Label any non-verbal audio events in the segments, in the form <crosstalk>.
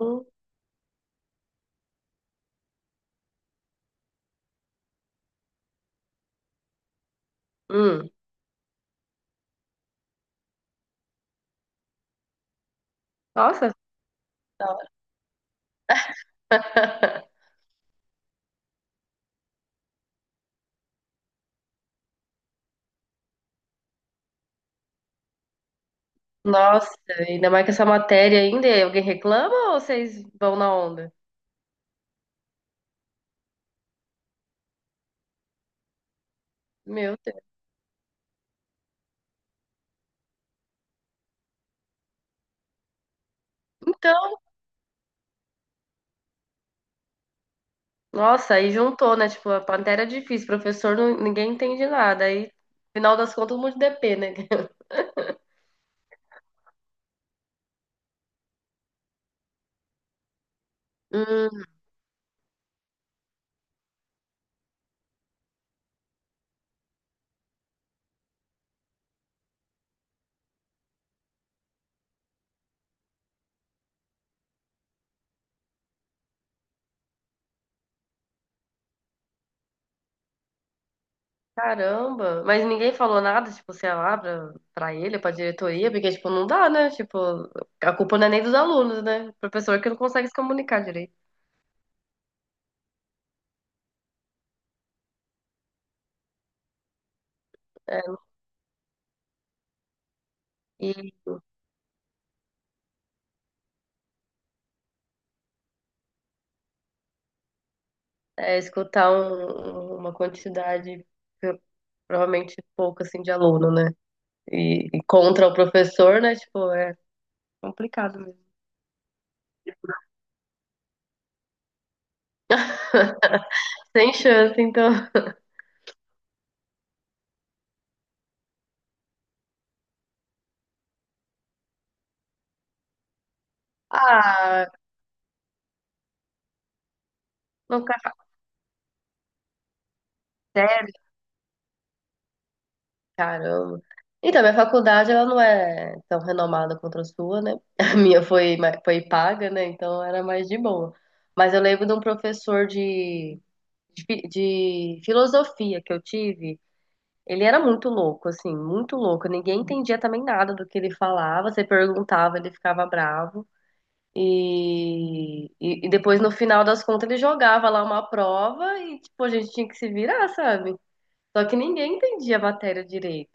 Hum, hum. Nossa. Da hora. <laughs> Nossa, ainda mais que essa matéria ainda, e alguém reclama ou vocês vão na onda? Meu Deus. Então, nossa, aí juntou, né? Tipo, a matéria é difícil, professor, ninguém entende nada. Aí, final das contas, um monte de DP, né? <laughs> Hum, caramba. Mas ninguém falou nada, tipo, sei lá, pra ele, pra diretoria, porque, tipo, não dá, né? Tipo, a culpa não é nem dos alunos, né? Professor que não consegue se comunicar direito. E escutar uma quantidade pro- provavelmente pouca assim de aluno, né? E contra o professor, né? Tipo, é complicado mesmo. Sem chance, então. <laughs> Ah, não ficar sério, caramba. Então, minha faculdade ela não é tão renomada quanto a sua, né? <laughs> A minha foi foi paga, né? Então era mais de boa. Mas eu lembro de um professor de filosofia que eu tive. Ele era muito louco, assim, muito louco. Ninguém entendia também nada do que ele falava. Você perguntava, ele ficava bravo. E depois, no final das contas, ele jogava lá uma prova e, tipo, a gente tinha que se virar, sabe? Só que ninguém entendia a matéria direito.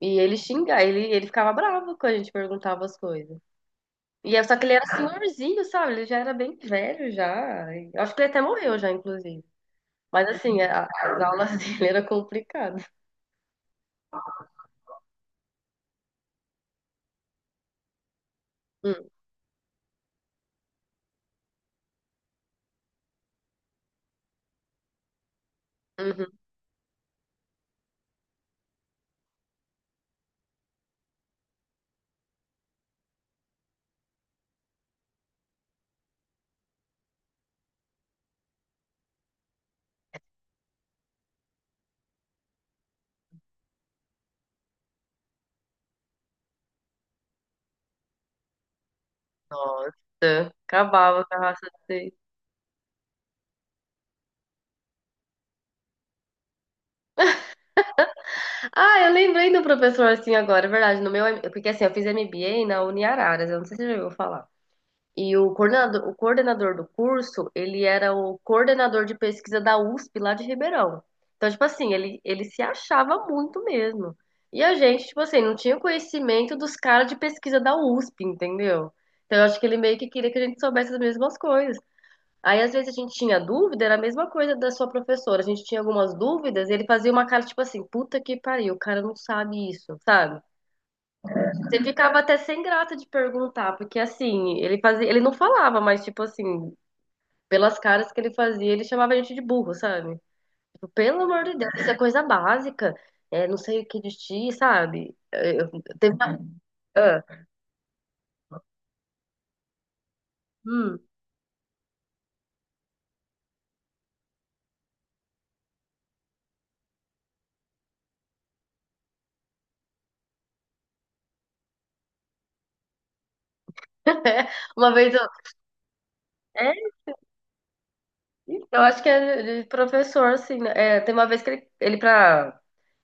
E ele xingava, ele ficava bravo quando a gente perguntava as coisas. E é só que ele era senhorzinho, sabe? Ele já era bem velho já. Eu acho que ele até morreu já, inclusive. Mas assim, as aulas <laughs> dele eram complicadas. Hum, uhum. Nossa, acabava com a raça dele. Ah, eu lembrei do professor assim agora, é verdade. No meu, porque assim, eu fiz MBA na Uniararas, eu não sei se você já ouviu falar. E o coordenador do curso, ele era o coordenador de pesquisa da USP lá de Ribeirão. Então, tipo assim, ele se achava muito mesmo. E a gente, tipo assim, não tinha conhecimento dos caras de pesquisa da USP, entendeu? Então, eu acho que ele meio que queria que a gente soubesse as mesmas coisas. Aí, às vezes, a gente tinha dúvida, era a mesma coisa da sua professora. A gente tinha algumas dúvidas, ele fazia uma cara tipo assim: puta que pariu, o cara não sabe isso, sabe? Você ficava até sem graça de perguntar, porque assim, ele fazia, ele não falava, mas tipo assim, pelas caras que ele fazia, ele chamava a gente de burro, sabe? Tipo, pelo amor de Deus, isso é coisa básica, não sei o que de ti, sabe? Teve uma, ah, hum. <laughs> Uma vez eu, é, Eu acho que é de professor, assim, né? É, tem uma vez que ele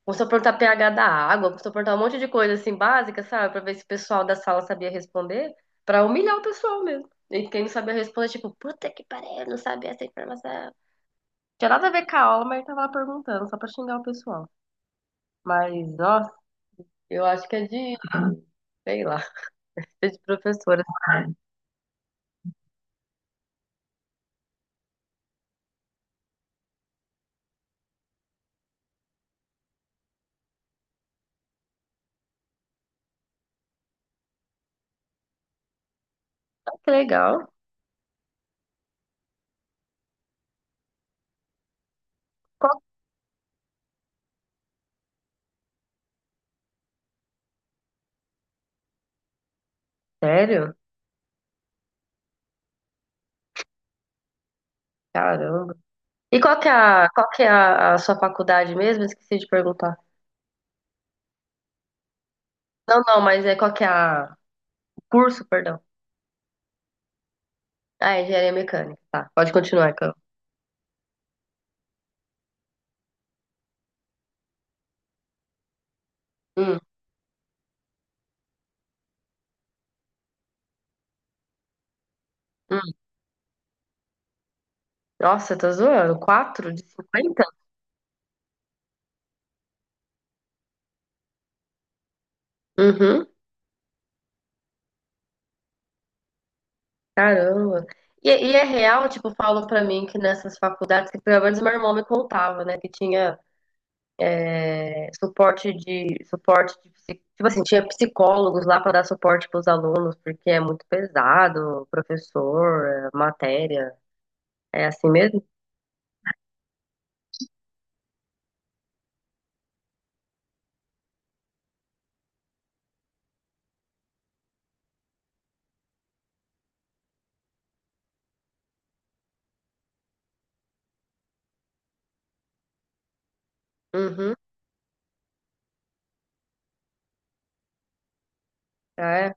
começou a perguntar pH da água, começou a perguntar um monte de coisa, assim, básica, sabe? Pra ver se o pessoal da sala sabia responder, pra humilhar o pessoal mesmo. E quem não sabia responder, tipo, puta que pariu, não sabia essa informação. Tinha nada a ver com a aula, mas ele tava lá perguntando, só pra xingar o pessoal. Mas, ó, eu acho que é de, sei lá, é de professora. Ah, que legal. Qual- Sério? Caramba. E qual que é a, a sua faculdade mesmo? Esqueci de perguntar. Não, não, mas é qual que é a, o curso, perdão. Ah, é engenharia mecânica. Tá, pode continuar, Carol. Hum, hum. Nossa, tá zoando? Quatro de 50. Uhum, caramba. E é real, tipo, falam pra mim que nessas faculdades, que pelo menos meu irmão me contava, né, que tinha suporte de, tipo assim, tinha psicólogos lá pra dar suporte pros alunos, porque é muito pesado, professor, matéria, é assim mesmo? Uhum, ah, é.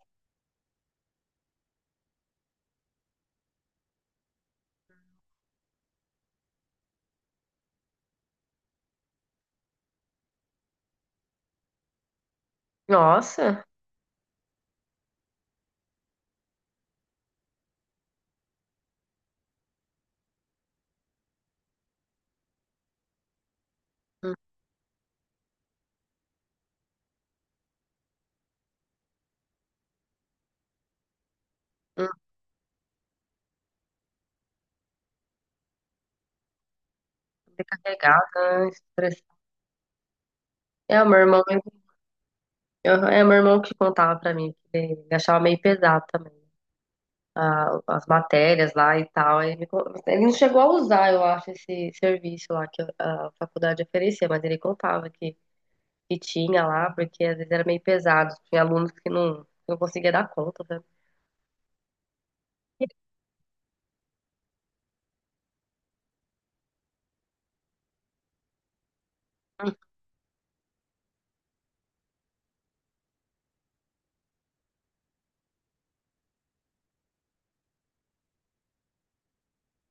Nossa. Hum, hum. Sobrecarregada, estressada. É, o meu irmão. Aham, é o meu irmão que contava pra mim, que ele achava meio pesado também, as matérias lá e tal. Ele não chegou a usar, eu acho, esse serviço lá que a faculdade oferecia, mas ele contava que, tinha lá, porque às vezes era meio pesado, tinha alunos que não conseguia dar conta, né? Hum.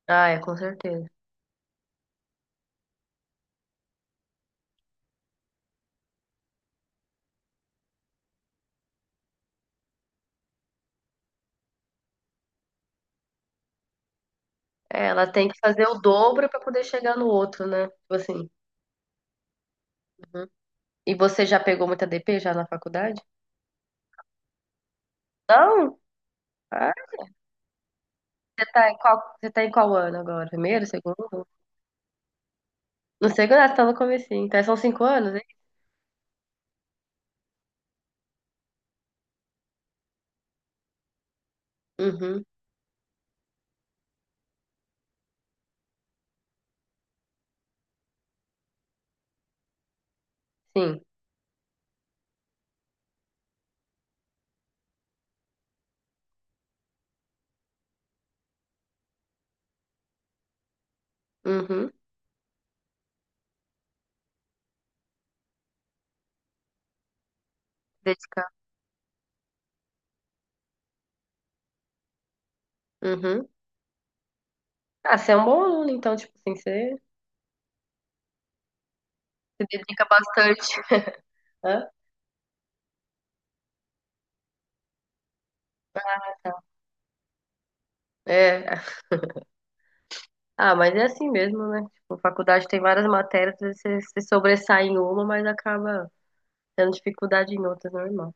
Ah, é, com certeza. É, ela tem que fazer o dobro pra poder chegar no outro, né? Tipo assim. Uhum. E você já pegou muita DP já na faculdade? Não? Você tá em qual ano agora? Primeiro, segundo? No segundo, ah, você tá no comecinho. Então, são 5 anos, hein? Uhum, sim. Uhum. Dedicar. Uhum. Ah, você é um bom aluno, então, tipo assim, você se dedica bastante. Hã? É. Ah, mas é assim mesmo, né? Tipo, faculdade tem várias matérias, você se sobressai em uma, mas acaba tendo dificuldade em outras, normal.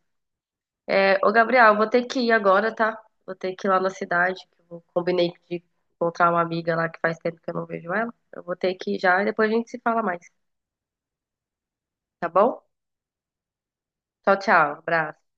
É, ô, Gabriel, eu vou ter que ir agora, tá? Vou ter que ir lá na cidade, que eu combinei de encontrar uma amiga lá que faz tempo que eu não vejo ela. Eu vou ter que ir já e depois a gente se fala mais, tá bom? Tchau, tchau. Abraço.